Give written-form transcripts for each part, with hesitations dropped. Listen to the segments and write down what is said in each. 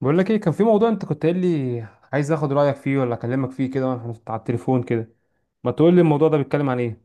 بقول لك ايه، كان في موضوع انت كنت قايل لي عايز اخد رايك فيه، ولا اكلمك فيه كده واحنا على التليفون كده؟ ما تقول لي الموضوع ده بيتكلم عن ايه؟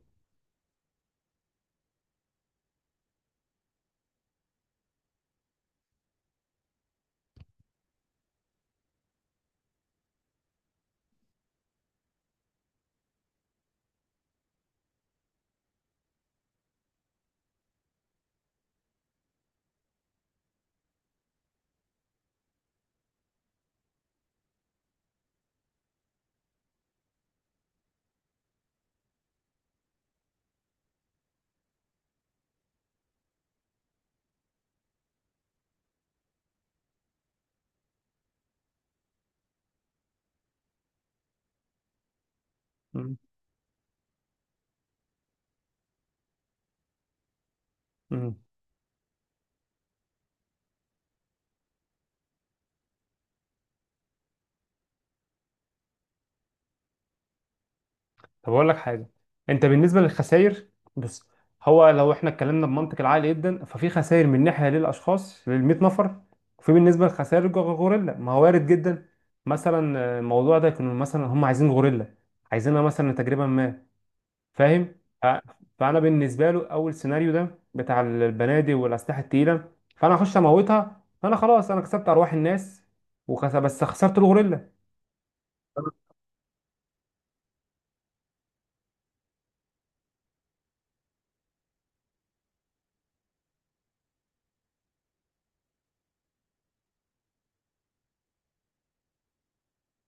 مم. مم. طب اقول لك حاجه، انت بالنسبه للخسائر، بص، هو لو احنا اتكلمنا بمنطق العقل جدا ففي خسائر من ناحيه للاشخاص لل 100 نفر، وفي بالنسبه لخسائر الغوريلا، ما هو وارد جدا. مثلا الموضوع ده يكون مثلا هم عايزين غوريلا، عايزينها مثلا تجربه ما. فاهم. ف- فانا بالنسبه له اول سيناريو ده بتاع البنادق والاسلحه التقيله، فانا اخش اموتها، فانا خلاص انا كسبت ارواح الناس بس خسرت الغوريلا.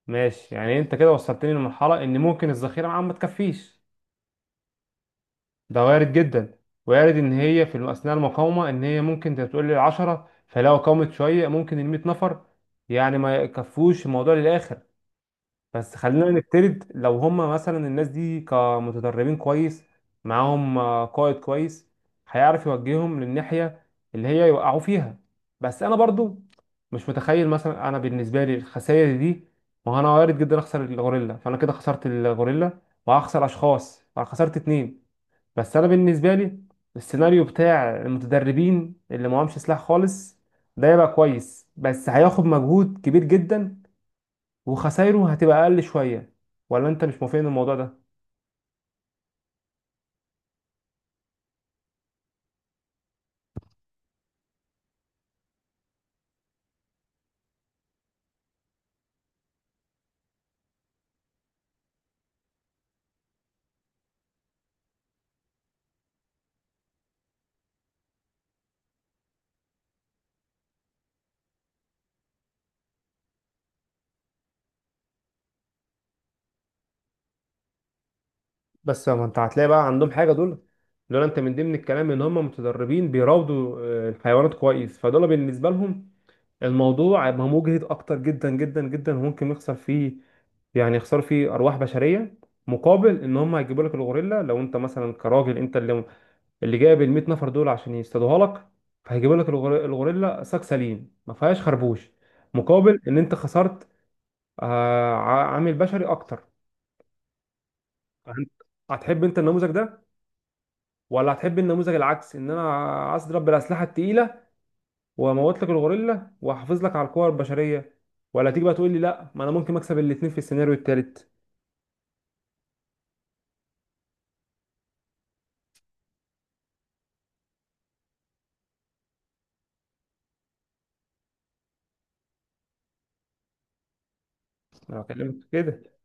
ماشي، يعني انت كده وصلتني لمرحله ان ممكن الذخيره معاهم ما تكفيش. ده وارد جدا. وارد ان هي في اثناء المقاومه، ان هي ممكن تقول لي 10، فلو قامت شويه ممكن ال 100 نفر يعني ما يكفوش الموضوع للاخر. بس خلينا نفترض لو هم مثلا الناس دي كمتدربين كويس، معاهم قائد كويس، هيعرف يوجههم للناحية اللي هي يوقعوا فيها. بس انا برضو مش متخيل، مثلا انا بالنسبة لي الخسائر دي، ما هو انا وارد جدا اخسر الغوريلا، فانا كده خسرت الغوريلا وهخسر اشخاص، فانا خسرت اتنين. بس انا بالنسبة لي السيناريو بتاع المتدربين اللي معهمش سلاح خالص، ده يبقى كويس بس هياخد مجهود كبير جدا، وخسايره هتبقى اقل شويه. ولا انت مش موافقني الموضوع ده؟ بس ما انت هتلاقي بقى عندهم حاجه. دول، دول انت من ضمن الكلام ان هم متدربين بيراودوا الحيوانات كويس، فدول بالنسبه لهم الموضوع هيبقى مجهد اكتر جدا جدا جدا، وممكن يخسر فيه، يعني يخسروا فيه ارواح بشريه مقابل ان هم هيجيبوا لك الغوريلا. لو انت مثلا كراجل انت اللي جايب ال 100 نفر دول عشان يصطادوها لك، فهيجيبوا لك الغوريلا ساك سليم ما فيهاش خربوش، مقابل ان انت خسرت عامل بشري اكتر. هن- هتحب انت النموذج ده، ولا هتحب النموذج العكس ان انا اضرب بالاسلحه التقيله واموت لك الغوريلا واحافظ لك على القوى البشريه؟ ولا تيجي بقى تقول لي لا، ما انا ممكن اكسب الاثنين في السيناريو الثالث. انا بكلمك في كده.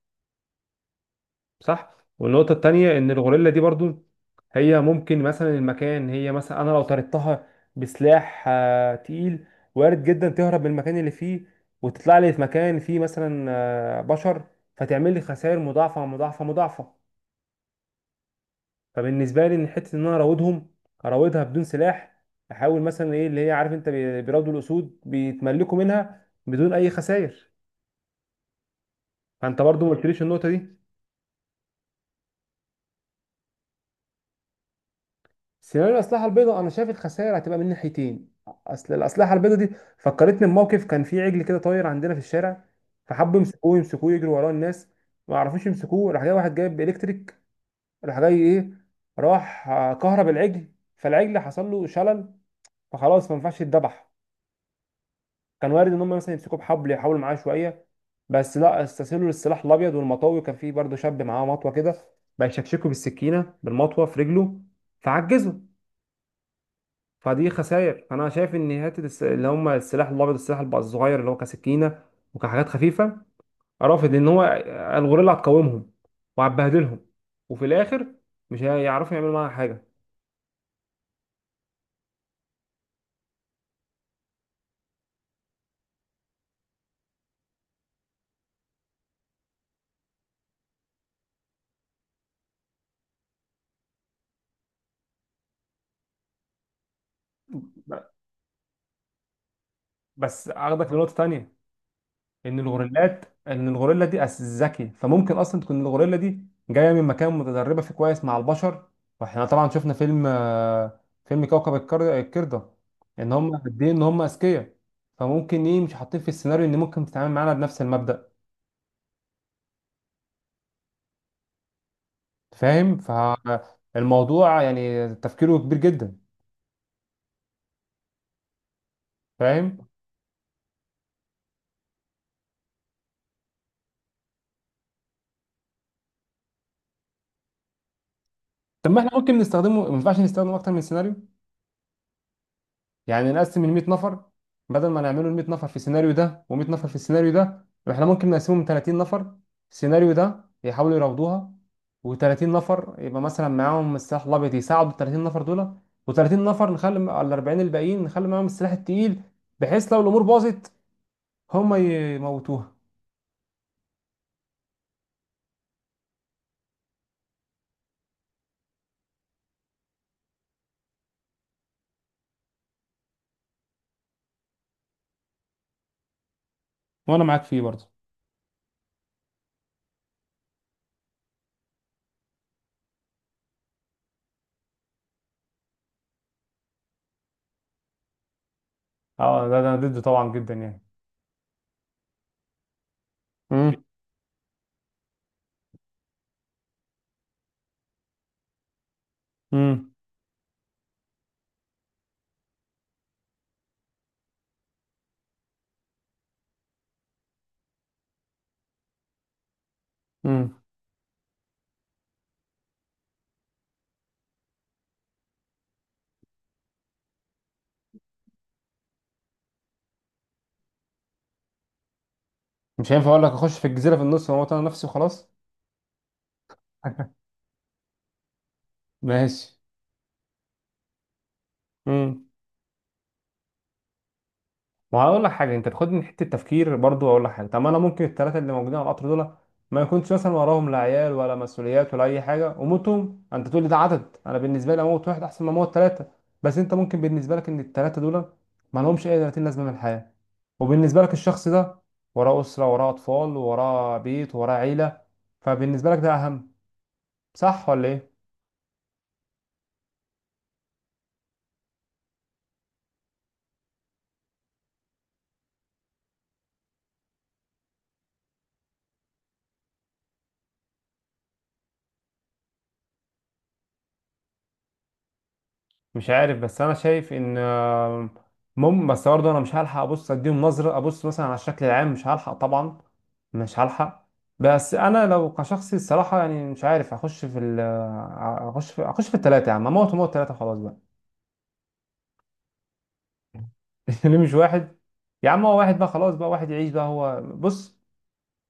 صح. والنقطه الثانيه، ان الغوريلا دي برضو هي ممكن مثلا المكان، هي مثلا انا لو طردتها بسلاح تقيل، وارد جدا تهرب من المكان اللي فيه وتطلع لي في مكان فيه مثلا بشر، فتعمل لي خسائر مضاعفه مضاعفه مضاعفه. فبالنسبه لي ان حته ان انا اراودهم، اراودها بدون سلاح، احاول مثلا ايه اللي هي، عارف انت بيراودوا الاسود، بيتملكوا منها بدون اي خسائر. فانت برضو ما قلتليش النقطه دي. سيناريو الاسلحه البيضاء انا شايف الخسائر هتبقى من ناحيتين. اصل الاسلحه البيضاء دي فكرتني بموقف، كان في عجل كده طاير عندنا في الشارع، فحبوا يمسكوه، يجروا وراه الناس، ما عرفوش يمسكوه. راح جاي واحد جايب الكتريك، راح جاي ايه، راح كهرب العجل، فالعجل حصل له شلل، فخلاص ما ينفعش يتذبح. كان وارد ان هم مثلا يمسكوا بحبل يحاولوا معاه شويه، بس لا، استسهلوا للسلاح الابيض والمطوي. كان فيه برضه شاب معاه مطوه كده، بقى يشكشكوا بالسكينه بالمطوه في رجله، فعجزوا. فدي خسائر، فانا شايف ان حته اللي هم السلاح الابيض والسلاح الصغير اللي هو كسكينه وكحاجات خفيفه، رافض ان هو الغوريلا هتقاومهم وهتبهدلهم، وفي الاخر مش هيعرفوا يعملوا معاها حاجه. ب- بس اخدك لنقطه تانية، ان الغوريلا دي ذكي، فممكن اصلا تكون الغوريلا دي جايه من مكان متدربه فيه كويس مع البشر. واحنا طبعا شفنا فيلم، فيلم كوكب القرده، ان هم قد ايه ان هم اذكياء. فممكن ايه مش حاطين في السيناريو ان ممكن تتعامل معانا بنفس المبدأ. فاهم، فالموضوع يعني تفكيره كبير جدا. فاهم. طب ما احنا ممكن ما ينفعش نستخدمه اكتر من سيناريو، يعني نقسم ال 100 نفر. بدل ما نعمله ال 100 نفر في السيناريو ده و100 نفر في السيناريو ده، احنا ممكن نقسمهم 30 نفر السيناريو ده يحاولوا يراودوها، و30 نفر يبقى مثلا معاهم السلاح الابيض يساعدوا ال 30 نفر دول، و30 نفر، نخلي ال 40 الباقيين نخلي معاهم السلاح التقيل، بحيث لو الامور باظت هم يموتوها. وانا معاك فيه برضه. اه ده انا ضده طبعا جدا يعني. امم. امم. امم. مش هينفع اقول لك اخش في الجزيره في النص واموت انا نفسي وخلاص؟ ماشي. مم. ما هقول لك حاجه، انت تاخدني من حته تفكير برضو. اقول لك حاجه، طب ما انا ممكن الثلاثه اللي موجودين على القطر دول ما يكونش مثلا وراهم لا عيال ولا مسؤوليات ولا اي حاجه، وموتهم انت تقول لي ده عدد. انا بالنسبه لي اموت واحد احسن ما اموت ثلاثه، بس انت ممكن بالنسبه لك ان الثلاثه دول ما لهمش اي 30 لازمه من الحياه، وبالنسبه لك الشخص ده وراه اسره وراه اطفال وراه بيت وراه عيله، فبالنسبه لك ده اهم. صح ولا ايه؟ مش عارف، بس انا شايف ان بس برضه انا مش هلحق ابص اديهم نظره، ابص مثلا على الشكل العام مش هلحق طبعا، مش هلحق. بس انا لو كشخصي، الصراحه يعني مش عارف، اخش في ال اخش في اخش في الثلاثه يا عم، اموت وموت ثلاثه خلاص بقى. ليه مش واحد؟ يا عم هو واحد بقى، خلاص بقى واحد يعيش بقى. هو بص،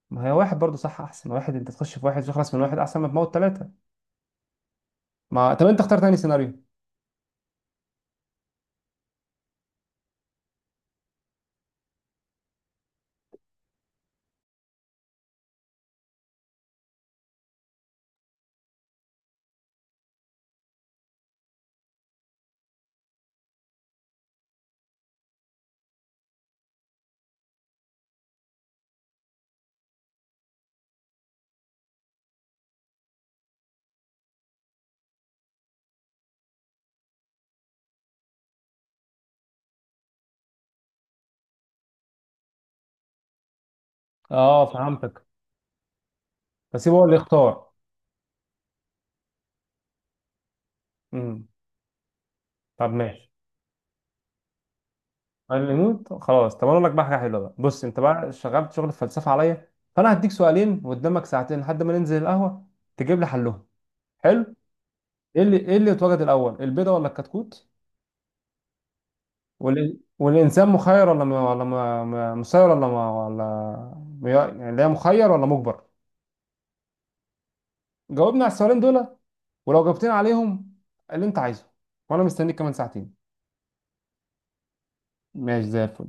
ما هي واحد برضه صح، احسن واحد انت تخش في واحد تخلص من واحد احسن ما تموت ثلاثه. ما طب انت اختار تاني سيناريو. اه فهمتك، بس هو اللي اختار. امم. طب ماشي. قال اللي يموت خلاص. طب انا اقول لك بقى حاجه حلوه، بقى بص، انت بقى شغلت شغل الفلسفه عليا، فانا هديك سؤالين وقدامك ساعتين لحد ما ننزل القهوه تجيب لي حلهم. حلو. ايه اللي ايه اللي اتوجد الاول، البيضه ولا الكتكوت؟ والانسان مخير ولا مسير، يعني لا مخير ولا مجبر. جاوبنا على السؤالين دول، ولو جاوبتنا عليهم اللي انت عايزه، وانا مستنيك كمان ساعتين. ماشي زي الفل.